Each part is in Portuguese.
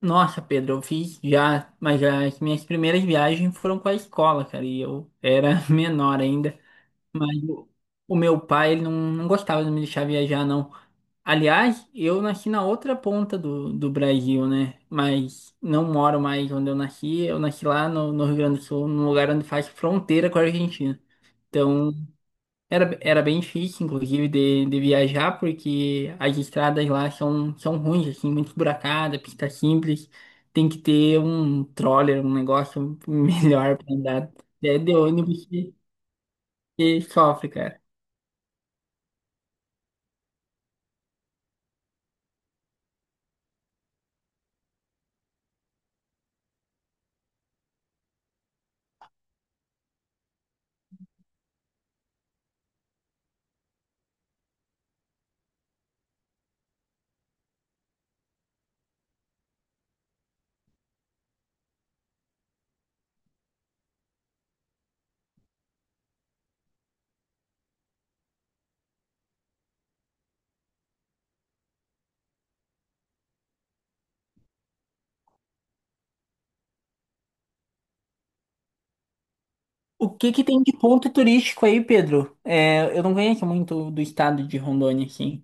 Nossa, Pedro, eu fiz já, mas já as minhas primeiras viagens foram com a escola, cara, e eu era menor ainda, mas o, o meu pai, ele não gostava de me deixar viajar, não. Aliás, eu nasci na outra ponta do Brasil, né, mas não moro mais onde eu nasci lá no Rio Grande do Sul, num lugar onde faz fronteira com a Argentina. Então, era bem difícil, inclusive, de viajar, porque as estradas lá são ruins, assim, muito esburacada, pista simples. Tem que ter um troller, um negócio melhor pra andar. É de ônibus que sofre, cara. O que que tem de ponto turístico aí, Pedro? É, eu não conheço muito do estado de Rondônia, assim.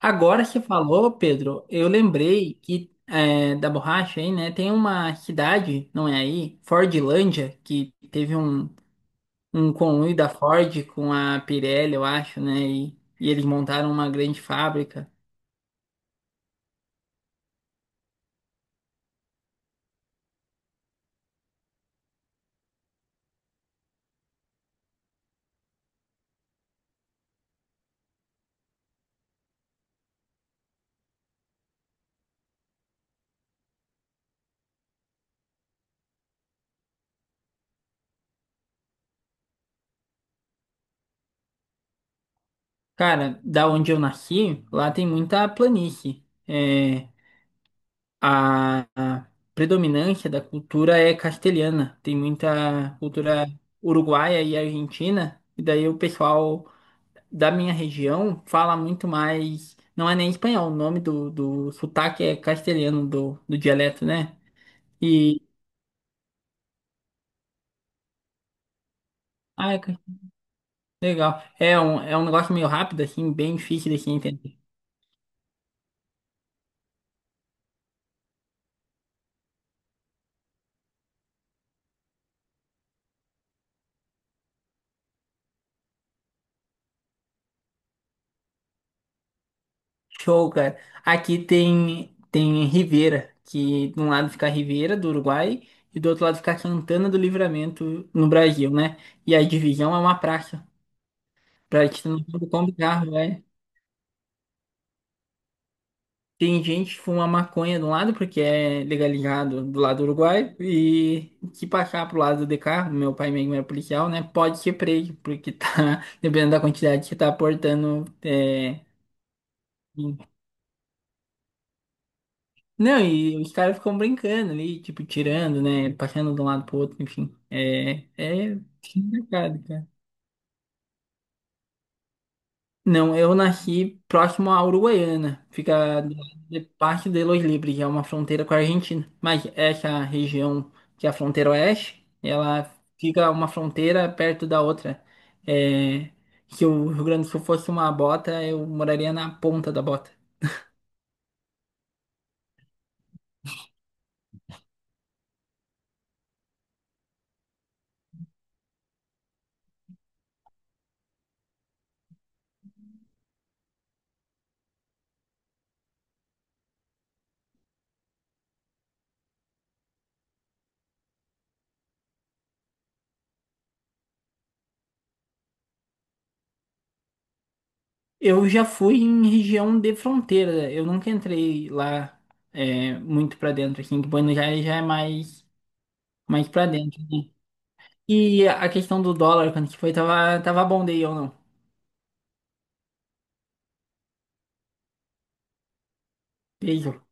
Agora você falou, Pedro, eu lembrei que é, da borracha aí, né? Tem uma cidade, não é aí? Fordlândia, que teve um conluio da Ford com a Pirelli, eu acho, né? E eles montaram uma grande fábrica. Cara, da onde eu nasci, lá tem muita planície. É, a predominância da cultura é castelhana. Tem muita cultura uruguaia e argentina. E daí o pessoal da minha região fala muito mais. Não é nem espanhol, o nome do sotaque é castelhano do dialeto, né? E. Ah, é legal. É um negócio meio rápido, assim, bem difícil de se entender. Show, cara. Aqui tem Rivera, que de um lado fica Rivera, do Uruguai, e do outro lado fica Santana do Livramento, no Brasil, né? E a divisão é uma praça. Pra gente não saber como carro, né? Tem gente que fuma maconha de um lado, porque é legalizado do lado do Uruguai, e se passar pro lado de cá, meu pai mesmo é policial, né? Pode ser preso, porque tá, dependendo da quantidade que tá aportando, é. Não, e os caras ficam brincando ali, tipo, tirando, né? Passando de um lado pro outro, enfim. É complicado, cara. Não, eu nasci próximo à Uruguaiana. Fica do lado de parte de Los Libres, é uma fronteira com a Argentina. Mas essa região, que é a fronteira oeste, ela fica uma fronteira perto da outra. É, se o Rio Grande do Sul fosse uma bota, eu moraria na ponta da bota. Eu já fui em região de fronteira. Eu nunca entrei lá é, muito pra dentro, assim, que Buenos Aires já é mais para dentro, né? E a questão do dólar, quando que foi, tava bom daí ou não? Beijo.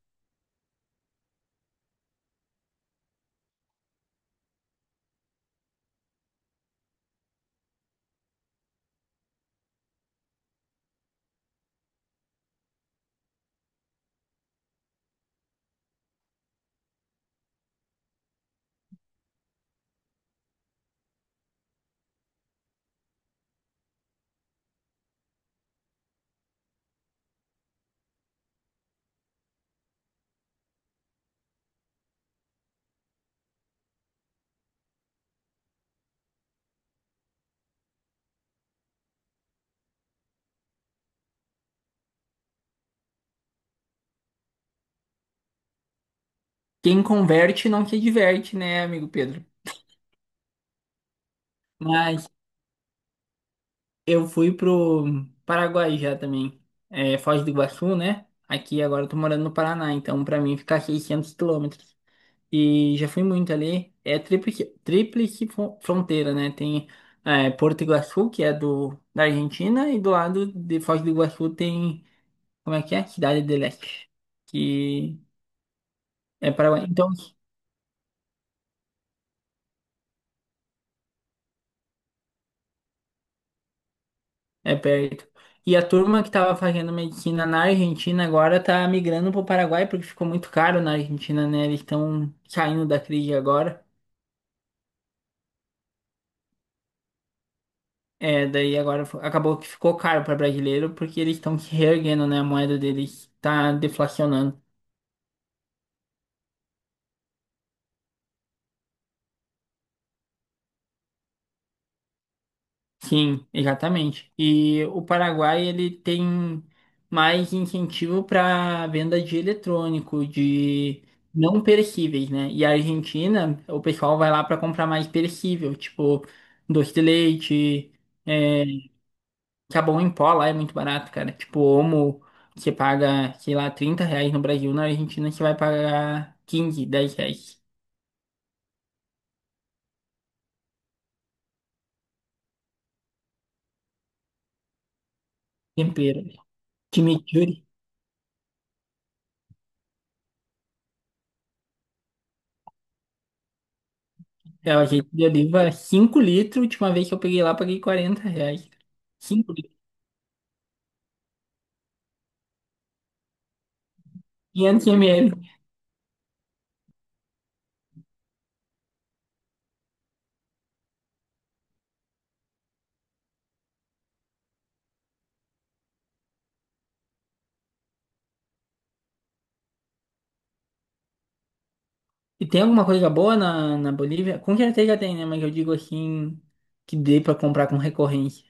Quem converte não se diverte, né, amigo Pedro? Mas eu fui pro Paraguai já também, é, Foz do Iguaçu, né? Aqui agora eu tô morando no Paraná, então pra mim ficar 600 km. E já fui muito ali. É tríplice fronteira, né? Tem é, Porto Iguaçu, que é da Argentina, e do lado de Foz do Iguaçu tem, como é que é? Cidade de Leste, que é Paraguai. Então, é perto. E a turma que estava fazendo medicina na Argentina agora tá migrando pro Paraguai, porque ficou muito caro na Argentina, né? Eles estão saindo da crise agora. É, daí agora acabou que ficou caro para brasileiro, porque eles estão se reerguendo, né? A moeda deles tá deflacionando. Sim, exatamente. E o Paraguai ele tem mais incentivo para venda de eletrônico, de não perecíveis, né? E a Argentina, o pessoal vai lá para comprar mais perecível, tipo doce de leite, é, sabão em pó lá é muito barato, cara. Tipo, Omo, você paga, sei lá, R$ 30 no Brasil, na Argentina você vai pagar 15, R$ 10. Tempero, chimichurri. É, a gente de oliva 5 litros. Última vez que eu peguei lá, paguei R$ 40. 5 litros, 500 ml. E tem alguma coisa boa na Bolívia? Com certeza tem, né? Mas eu digo assim, que dê pra comprar com recorrência.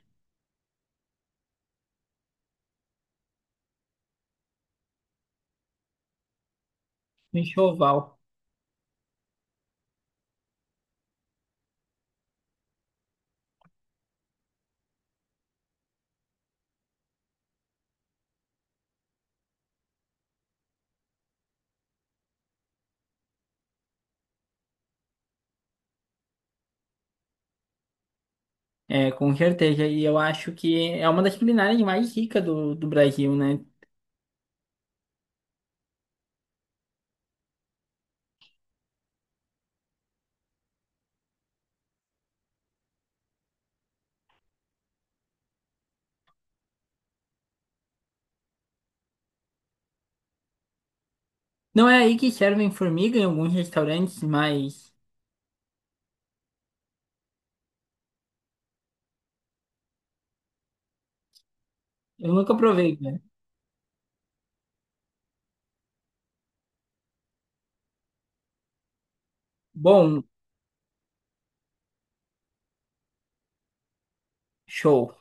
Um Enxoval. É, com certeza. E eu acho que é uma das culinárias mais ricas do Brasil, né? Não é aí que servem formiga em alguns restaurantes, mas eu nunca provei, né? Bom, show.